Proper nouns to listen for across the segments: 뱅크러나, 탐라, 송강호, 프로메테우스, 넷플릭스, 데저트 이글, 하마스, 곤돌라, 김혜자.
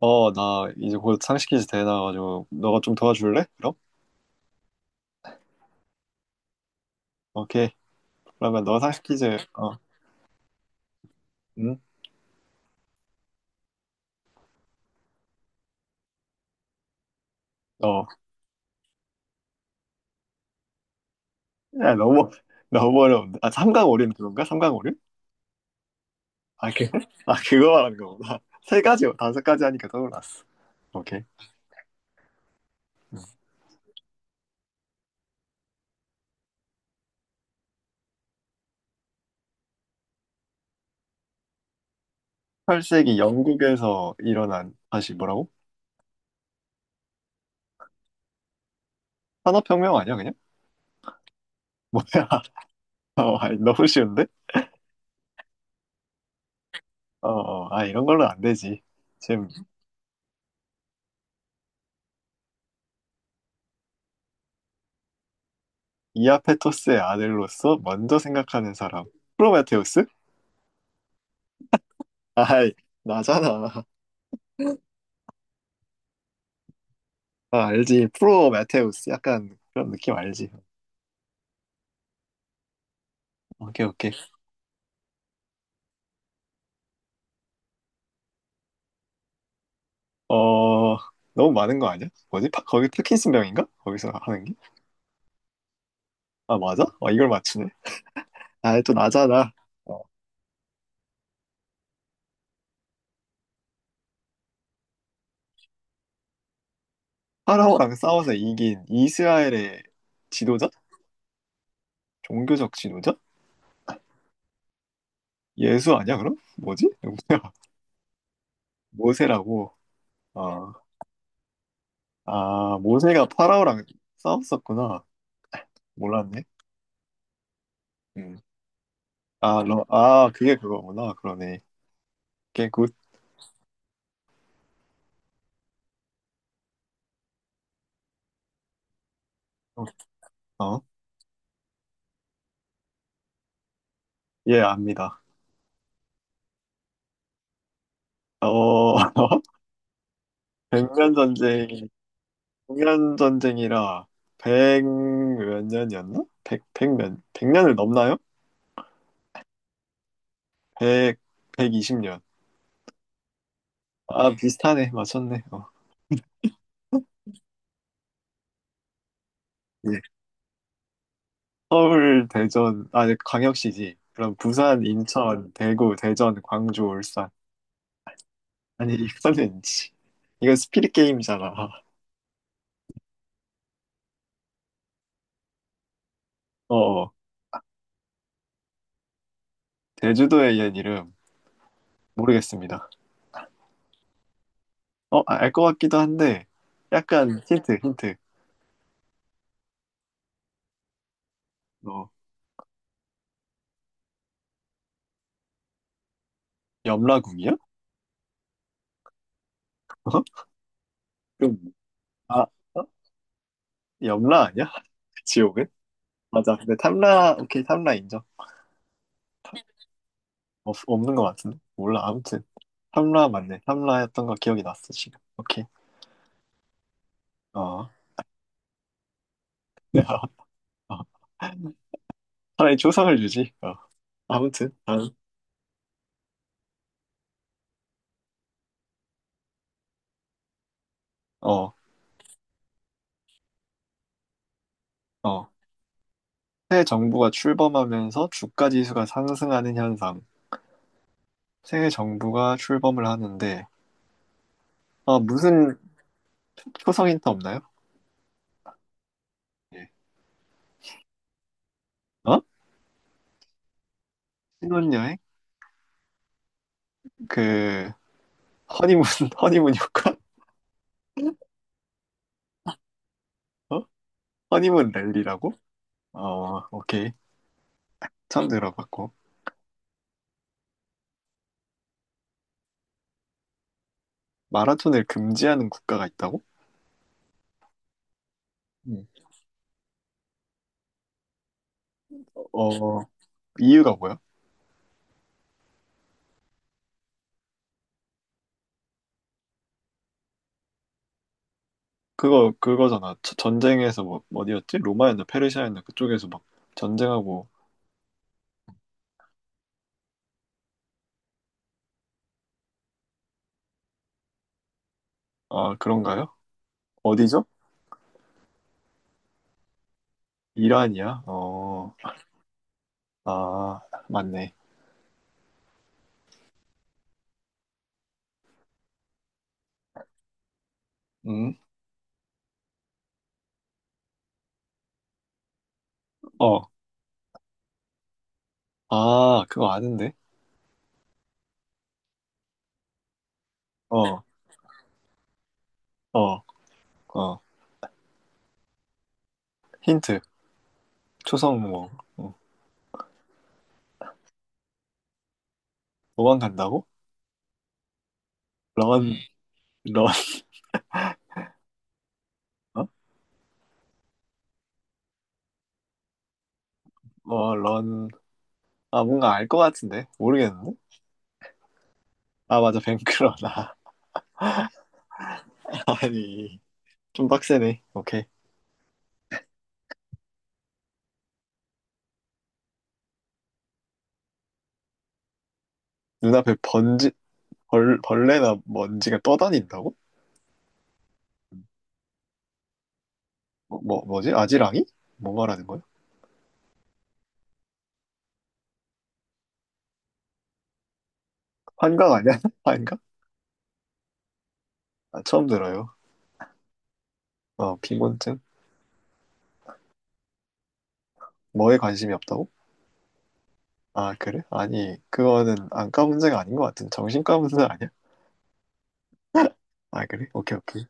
나 이제 곧 상식 퀴즈 대회 나가지고 너가 좀 도와줄래? 그럼? 오케이. 그러면 너 상식 퀴즈 어, 응? 어. 야, 너무 너무 어려운데. 아, 삼강오륜 그건가? 삼강오륜? 아, 아, 그거 말하는 거구나. 세 가지, 다섯 가지 하니까 떠올랐어. 오케이. 18세기 영국에서 일어난 다시 뭐라고? 산업혁명 아니야, 그냥? 뭐야? 아니, 너무 쉬운데? 아, 이런 걸로 안 되지. 지금. 이아페토스의 아들로서 먼저 생각하는 사람. 프로메테우스? 아, 아이, 나잖아. 아, 알지. 프로 메테우스. 약간 그런 느낌 알지. 오케이, 오케이. 어, 너무 많은 거 아니야? 뭐지? 거기 파킨슨 병인가? 거기서 하는 게? 아, 맞아? 이걸 맞추네. 아, 또 나잖아. 어, 파라오랑 싸워서 이긴 이스라엘의 지도자? 종교적 지도자? 예수 아니야, 그럼? 뭐지? 누구야? 모세라고. 어, 아, 모세가 파라오랑 싸웠었구나. 몰랐네. 음. 아, 아, 그게 그거구나. 그러네. 게 굿. 어. 예, 압니다. 어, 백년 전쟁이, 백년 전쟁이라, 백 몇 년이었나? 백, 백 몇, 100년을 넘나요? 백, 120년. 아, 비슷하네. 맞췄네. 예. 서울, 대전, 아, 네, 광역시지. 그럼 부산, 인천, 대구, 대전, 광주, 울산. 아니, 이거는, 이건 스피릿 게임이잖아. 어, 어. 제주도의 옛 이름, 모르겠습니다. 어, 알 것 같기도 한데, 약간 힌트, 힌트. 어, 염라궁이요? 어? 그럼. 아, 어? 염라 아니야? 지옥은? 맞아. 근데 탐라, 오케이, 탐라 인정. 없는 것 같은데? 몰라. 아무튼. 탐라 맞네. 탐라였던 거 기억이 났어, 지금. 오케이. 어. 어, 차라리 초상을 주지. 어. 아무튼. 다음. 어, 어. 새 정부가 출범하면서 주가 지수가 상승하는 현상. 새 정부가 출범을 하는데, 무슨 초성 힌트 없나요? 예. 어? 신혼여행? 그, 허니문, 허니문 효과? 어? 허니문 랠리라고? 오케이. 처음 들어봤고. 마라톤을 금지하는 국가가 있다고? 응. 이유가 뭐야? 그거잖아. 전쟁에서 뭐, 어디였지? 로마였나, 페르시아였나, 그쪽에서 막 전쟁하고, 아, 그런가요? 어디죠? 이란이야? 아, 맞네. 음, 어, 아, 그거 아는데? 어, 어, 어. 힌트. 초성 뭐, 어, 도망간다고? 런, 런, 어? 런. 아, 뭔가 알 것 같은데? 모르겠는데? 아, 맞아. 뱅크러나. 아니, 좀 빡세네. 오케이. 눈앞에 벌레나 먼지가 떠다닌다고? 뭐지? 아지랑이? 뭐 말하는 거야? 환각 아니야? 환각? 아, 처음 들어요. 빈곤증? 뭐에 관심이 없다고? 아, 그래? 아니, 그거는 안과 문제가 아닌 것 같은데. 정신과 문제 아니야? 아, 그래? 오케이, 오케이.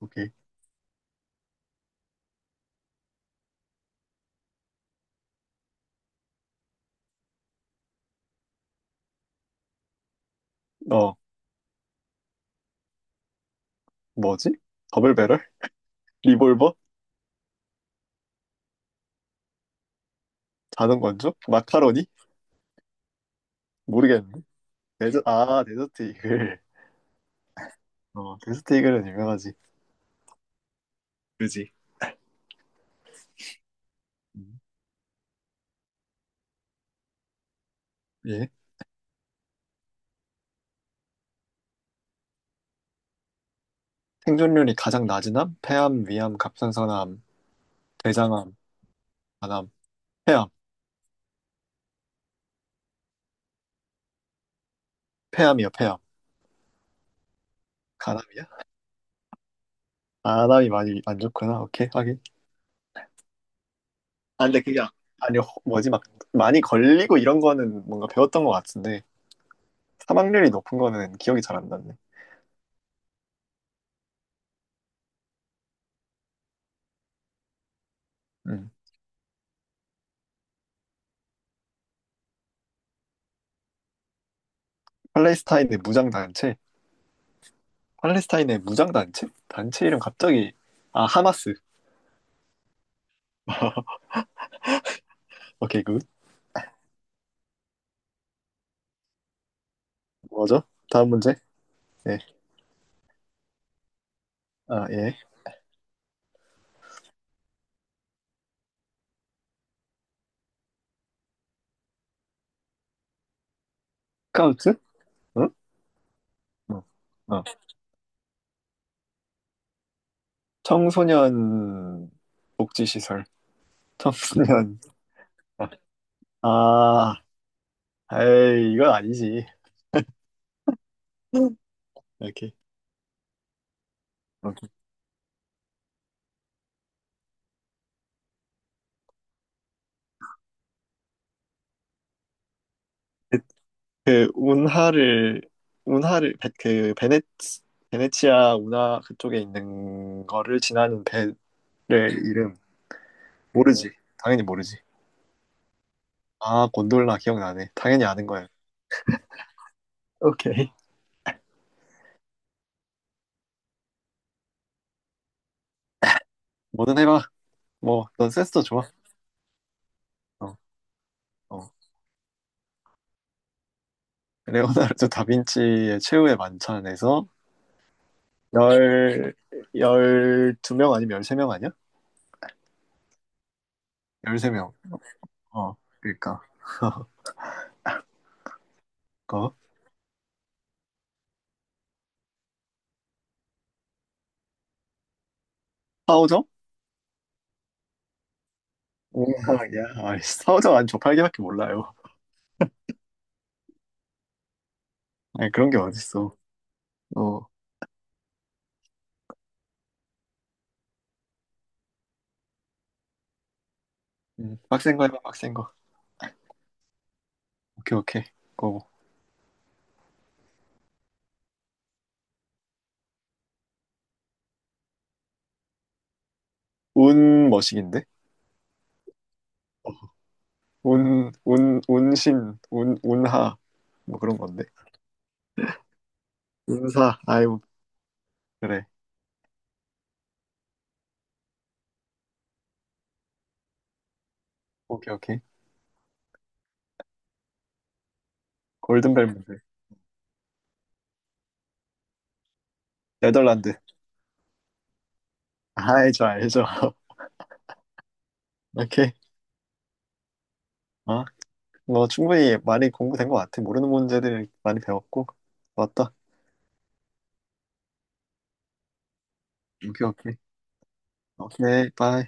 오케이. 어, 뭐지? 더블배럴? 리볼버? 자동건조? 마카로니? 모르겠는데. 아, 데저트 이글. 데저트 이글은 유명하지. 그지? 음. 예. 생존율이 가장 낮은 암? 폐암, 위암, 갑상선암, 대장암, 간암, 폐암. 폐암이요, 폐암. 간암이야? 간암이 많이 안 좋구나. 오케이, 하긴. 아, 근데 그게, 아니, 뭐지, 막, 많이 걸리고 이런 거는 뭔가 배웠던 것 같은데, 사망률이 높은 거는 기억이 잘 안 났네. 음. 팔레스타인의 무장단체? 팔레스타인의 무장단체? 단체 이름 갑자기, 아, 하마스. 오케이, 굿. 뭐죠? 다음 문제? 예. 아, 예. 스카우트? 응? 응. 어. 청소년 복지시설. 청소년. 아, 에이, 이건 아니지. 이렇게. 오케이. 그, 운하를, 베네치아 운하 그쪽에 있는 거를 지나는 배의 이름. 모르지. 당연히 모르지. 아, 곤돌라 기억나네. 당연히 아는 거야. 오케이. 뭐든 해봐. 뭐, 넌 센스도 좋아. 어, 어. 레오나르도 다빈치의 최후의 만찬에서 열, 12명 아니면 13명 아니야? 13명. 어, 그러니까. 그 사오정? 야 아이, 사오정 안 저팔개밖에 몰라요. 아니, 그런 게 어딨어. 어, 빡센 거 해봐, 빡센 거. 오케이, 오케이. 고. 운 머신인데? 운신, 운, 운하. 뭐 그런 건데. 운사, 아이고, 그래. 오케이, 오케이. 골든벨 문제. 네덜란드. 알죠, 알죠. 오케이. 어? 뭐 충분히 많이 공부된 것 같아. 모르는 문제들 많이 배웠고. 맞다. 오케이, 오케이. 오케이, 바이.